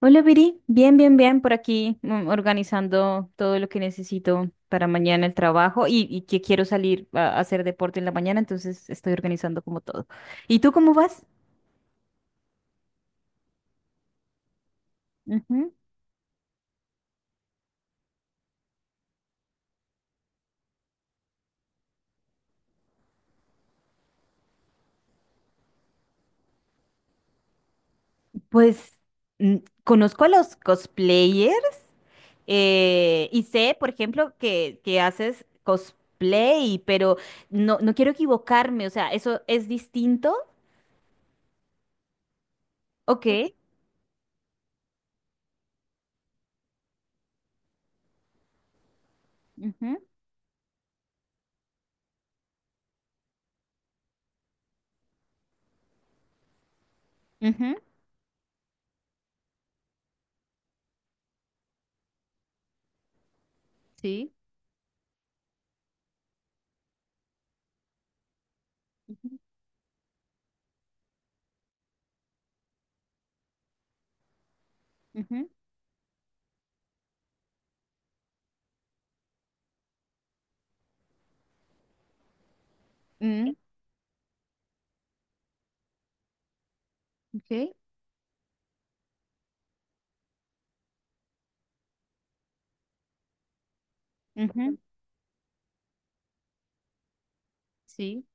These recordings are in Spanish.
Hola, Viri. Bien, bien, bien. Por aquí organizando todo lo que necesito para mañana el trabajo y que quiero salir a hacer deporte en la mañana, entonces estoy organizando como todo. ¿Y tú cómo vas? Ujú. Pues mm, conozco a los cosplayers, y sé, por ejemplo, que haces cosplay, pero no, no quiero equivocarme, o sea, ¿eso es distinto? Ok. Ujú, ujú. Sí. Ujú, ujú, mm, ok, ujú. Sí.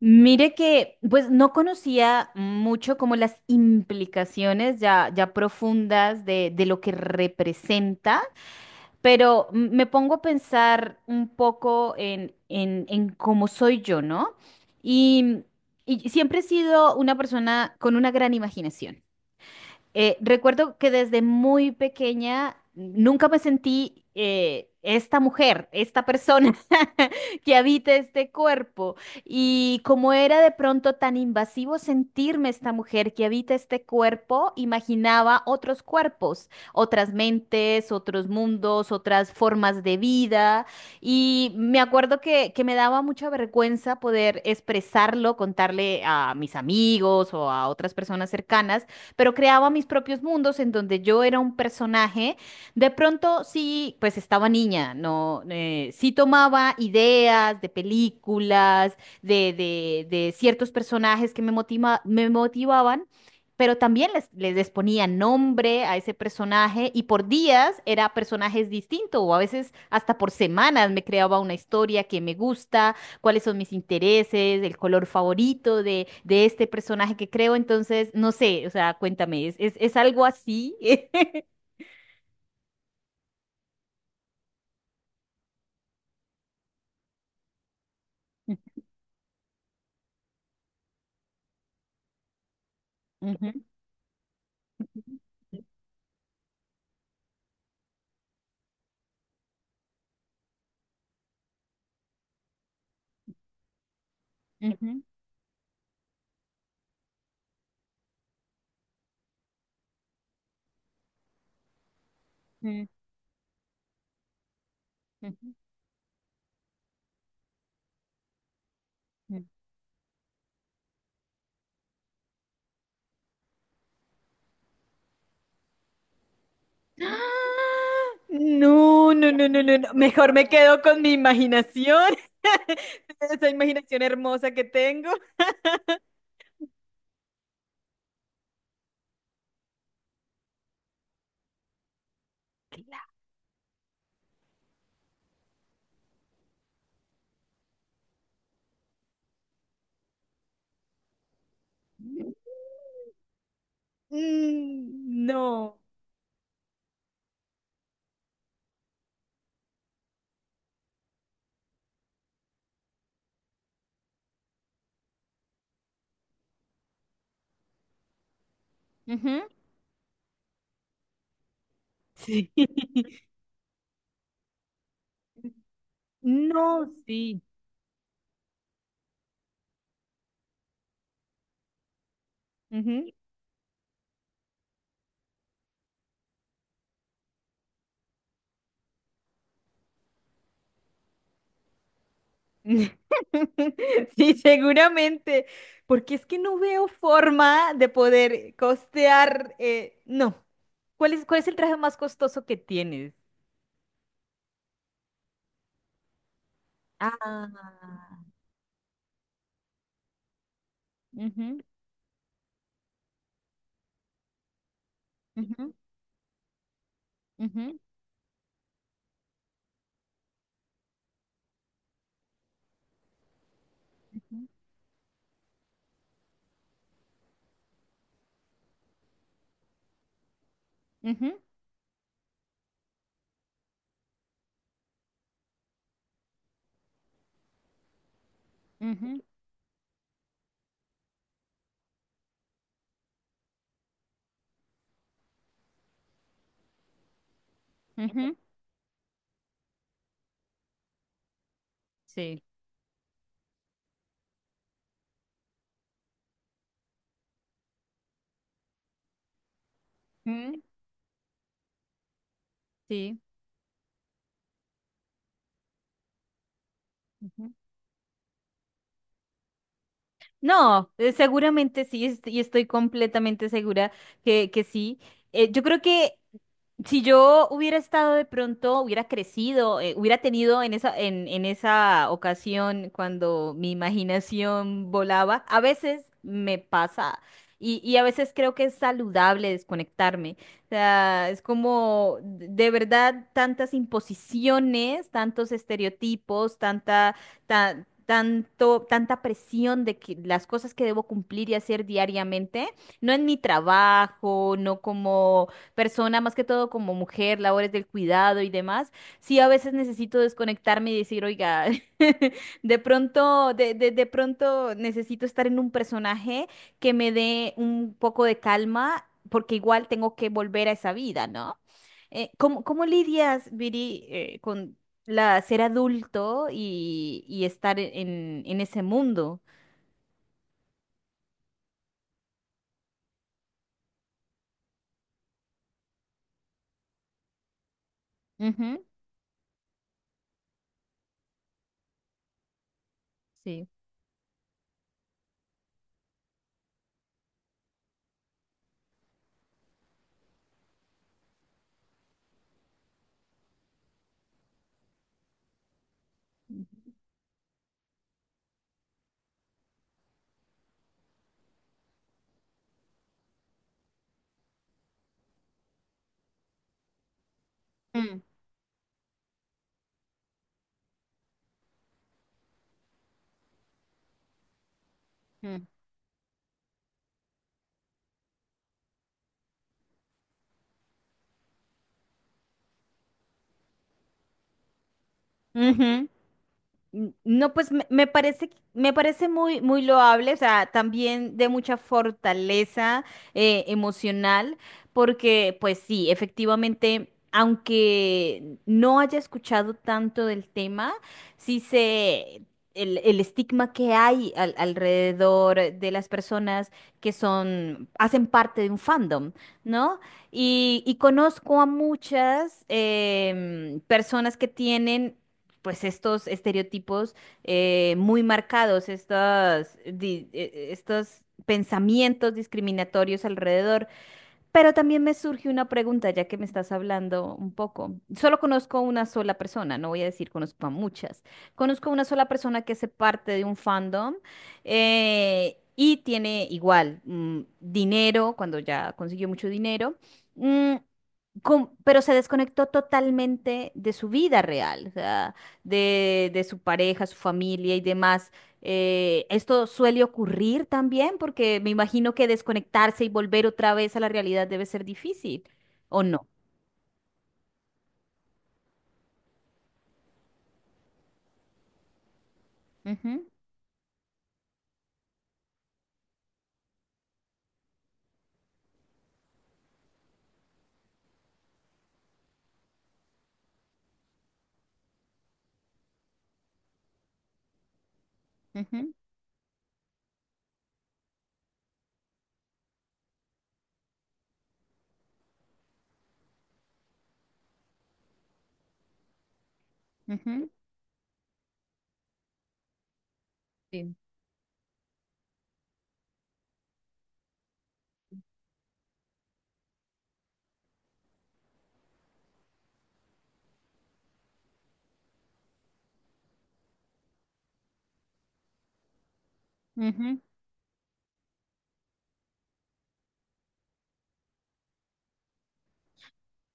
Mire que, pues no conocía mucho como las implicaciones ya profundas de lo que representa, pero me pongo a pensar un poco en cómo soy yo, ¿no? Y, y siempre he sido una persona con una gran imaginación. Recuerdo que desde muy pequeña nunca me sentí, esta mujer, esta persona que habita este cuerpo. Y como era de pronto tan invasivo sentirme esta mujer que habita este cuerpo, imaginaba otros cuerpos, otras mentes, otros mundos, otras formas de vida. Y me acuerdo que me daba mucha vergüenza poder expresarlo, contarle a mis amigos o a otras personas cercanas, pero creaba mis propios mundos en donde yo era un personaje. De pronto sí, pues estaba niña, no. Sí tomaba ideas de películas, de ciertos personajes que me motivaban. Pero también les ponía nombre a ese personaje y por días era personajes distintos, o a veces hasta por semanas me creaba una historia que me gusta, cuáles son mis intereses, el color favorito de este personaje que creo. Entonces, no sé, o sea, cuéntame, ¿es algo así? Ujú, ujú, ujú, ujú, ujú. No, no, no, no, no, no. Mejor me quedo con mi imaginación, esa imaginación hermosa que tengo. Claro. Mm, no. Ujú. Sí. No, sí. Sí, seguramente, porque es que no veo forma de poder costear, no. ¿Cuál es el traje más costoso que tienes? Ah. Ujú, ujú, ujú, ujú, ujú, ujú. Sí. Mm. Sí. Ujú. No, seguramente sí, y estoy completamente segura que sí. Yo creo que si yo hubiera estado de pronto, hubiera crecido, hubiera tenido en esa ocasión cuando mi imaginación volaba, a veces me pasa y a veces creo que es saludable desconectarme. O sea, es como de verdad tantas imposiciones, tantos estereotipos, tanta presión de que las cosas que debo cumplir y hacer diariamente, no en mi trabajo, no como persona, más que todo como mujer, labores del cuidado y demás, sí a veces necesito desconectarme y decir, oiga, de pronto, de pronto necesito estar en un personaje que me dé un poco de calma, porque igual tengo que volver a esa vida, ¿no? ¿Cómo lidias, Viri, con la ser adulto y estar en ese mundo? Ujú. Sí. Mm, mm. Ujú. No, pues me parece muy, muy loable, o sea, también de mucha fortaleza, emocional, porque pues sí, efectivamente, aunque no haya escuchado tanto del tema, sí sé el estigma que hay alrededor de las personas que son, hacen parte de un fandom, ¿no? Y conozco a muchas, personas que tienen pues estos estereotipos, muy marcados, estos pensamientos discriminatorios alrededor. Pero también me surge una pregunta, ya que me estás hablando un poco. Solo conozco una sola persona, no voy a decir conozco a muchas. Conozco una sola persona que hace parte de un fandom, y tiene igual, dinero, cuando ya consiguió mucho dinero. mm, pero se desconectó totalmente de su vida real, o sea, de su pareja, su familia y demás. Esto suele ocurrir también porque me imagino que desconectarse y volver otra vez a la realidad debe ser difícil, ¿o no? Ujú, ujú, ujú, sí.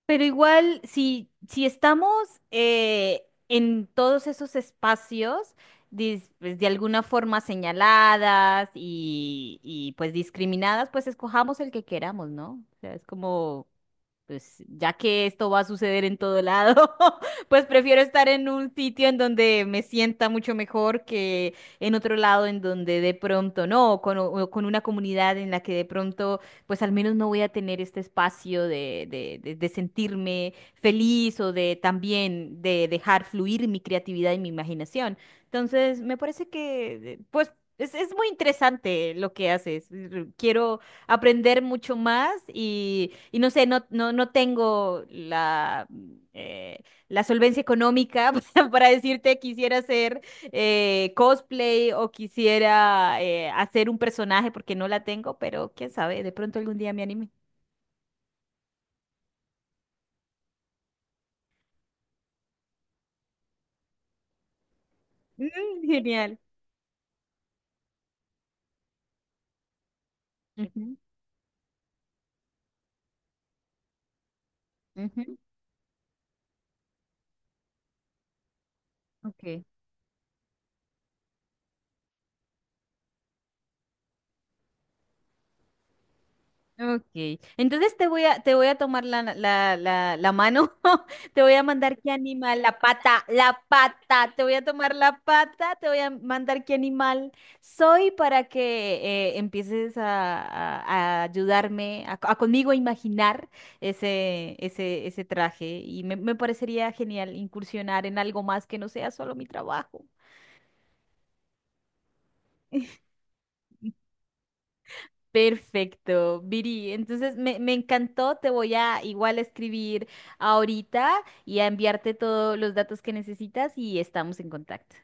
Pero igual, si estamos, en todos esos espacios, pues, de alguna forma señaladas pues discriminadas, pues escojamos el que queramos, ¿no? O sea, es como pues ya que esto va a suceder en todo lado, pues prefiero estar en un sitio en donde me sienta mucho mejor que en otro lado en donde de pronto no, o con, una comunidad en la que de pronto pues al menos no voy a tener este espacio de sentirme feliz o de también de dejar fluir mi creatividad y mi imaginación. Entonces, me parece que pues. Es muy interesante lo que haces. Quiero aprender mucho más y no sé, no, no, no tengo eh, la solvencia económica para decirte quisiera hacer, cosplay, o quisiera, hacer un personaje porque no la tengo, pero quién sabe, de pronto algún día me anime. Mm, genial. Ujú, ujú, ok. Ok, entonces te voy a tomar la mano, te voy a mandar qué animal, la pata, te voy a tomar la pata, te voy a mandar qué animal soy para que, empieces a ayudarme, a conmigo a imaginar ese traje, y me parecería genial incursionar en algo más que no sea solo mi trabajo. Perfecto, Viri. Entonces me encantó. Te voy a igual a escribir ahorita y a enviarte todos los datos que necesitas y estamos en contacto.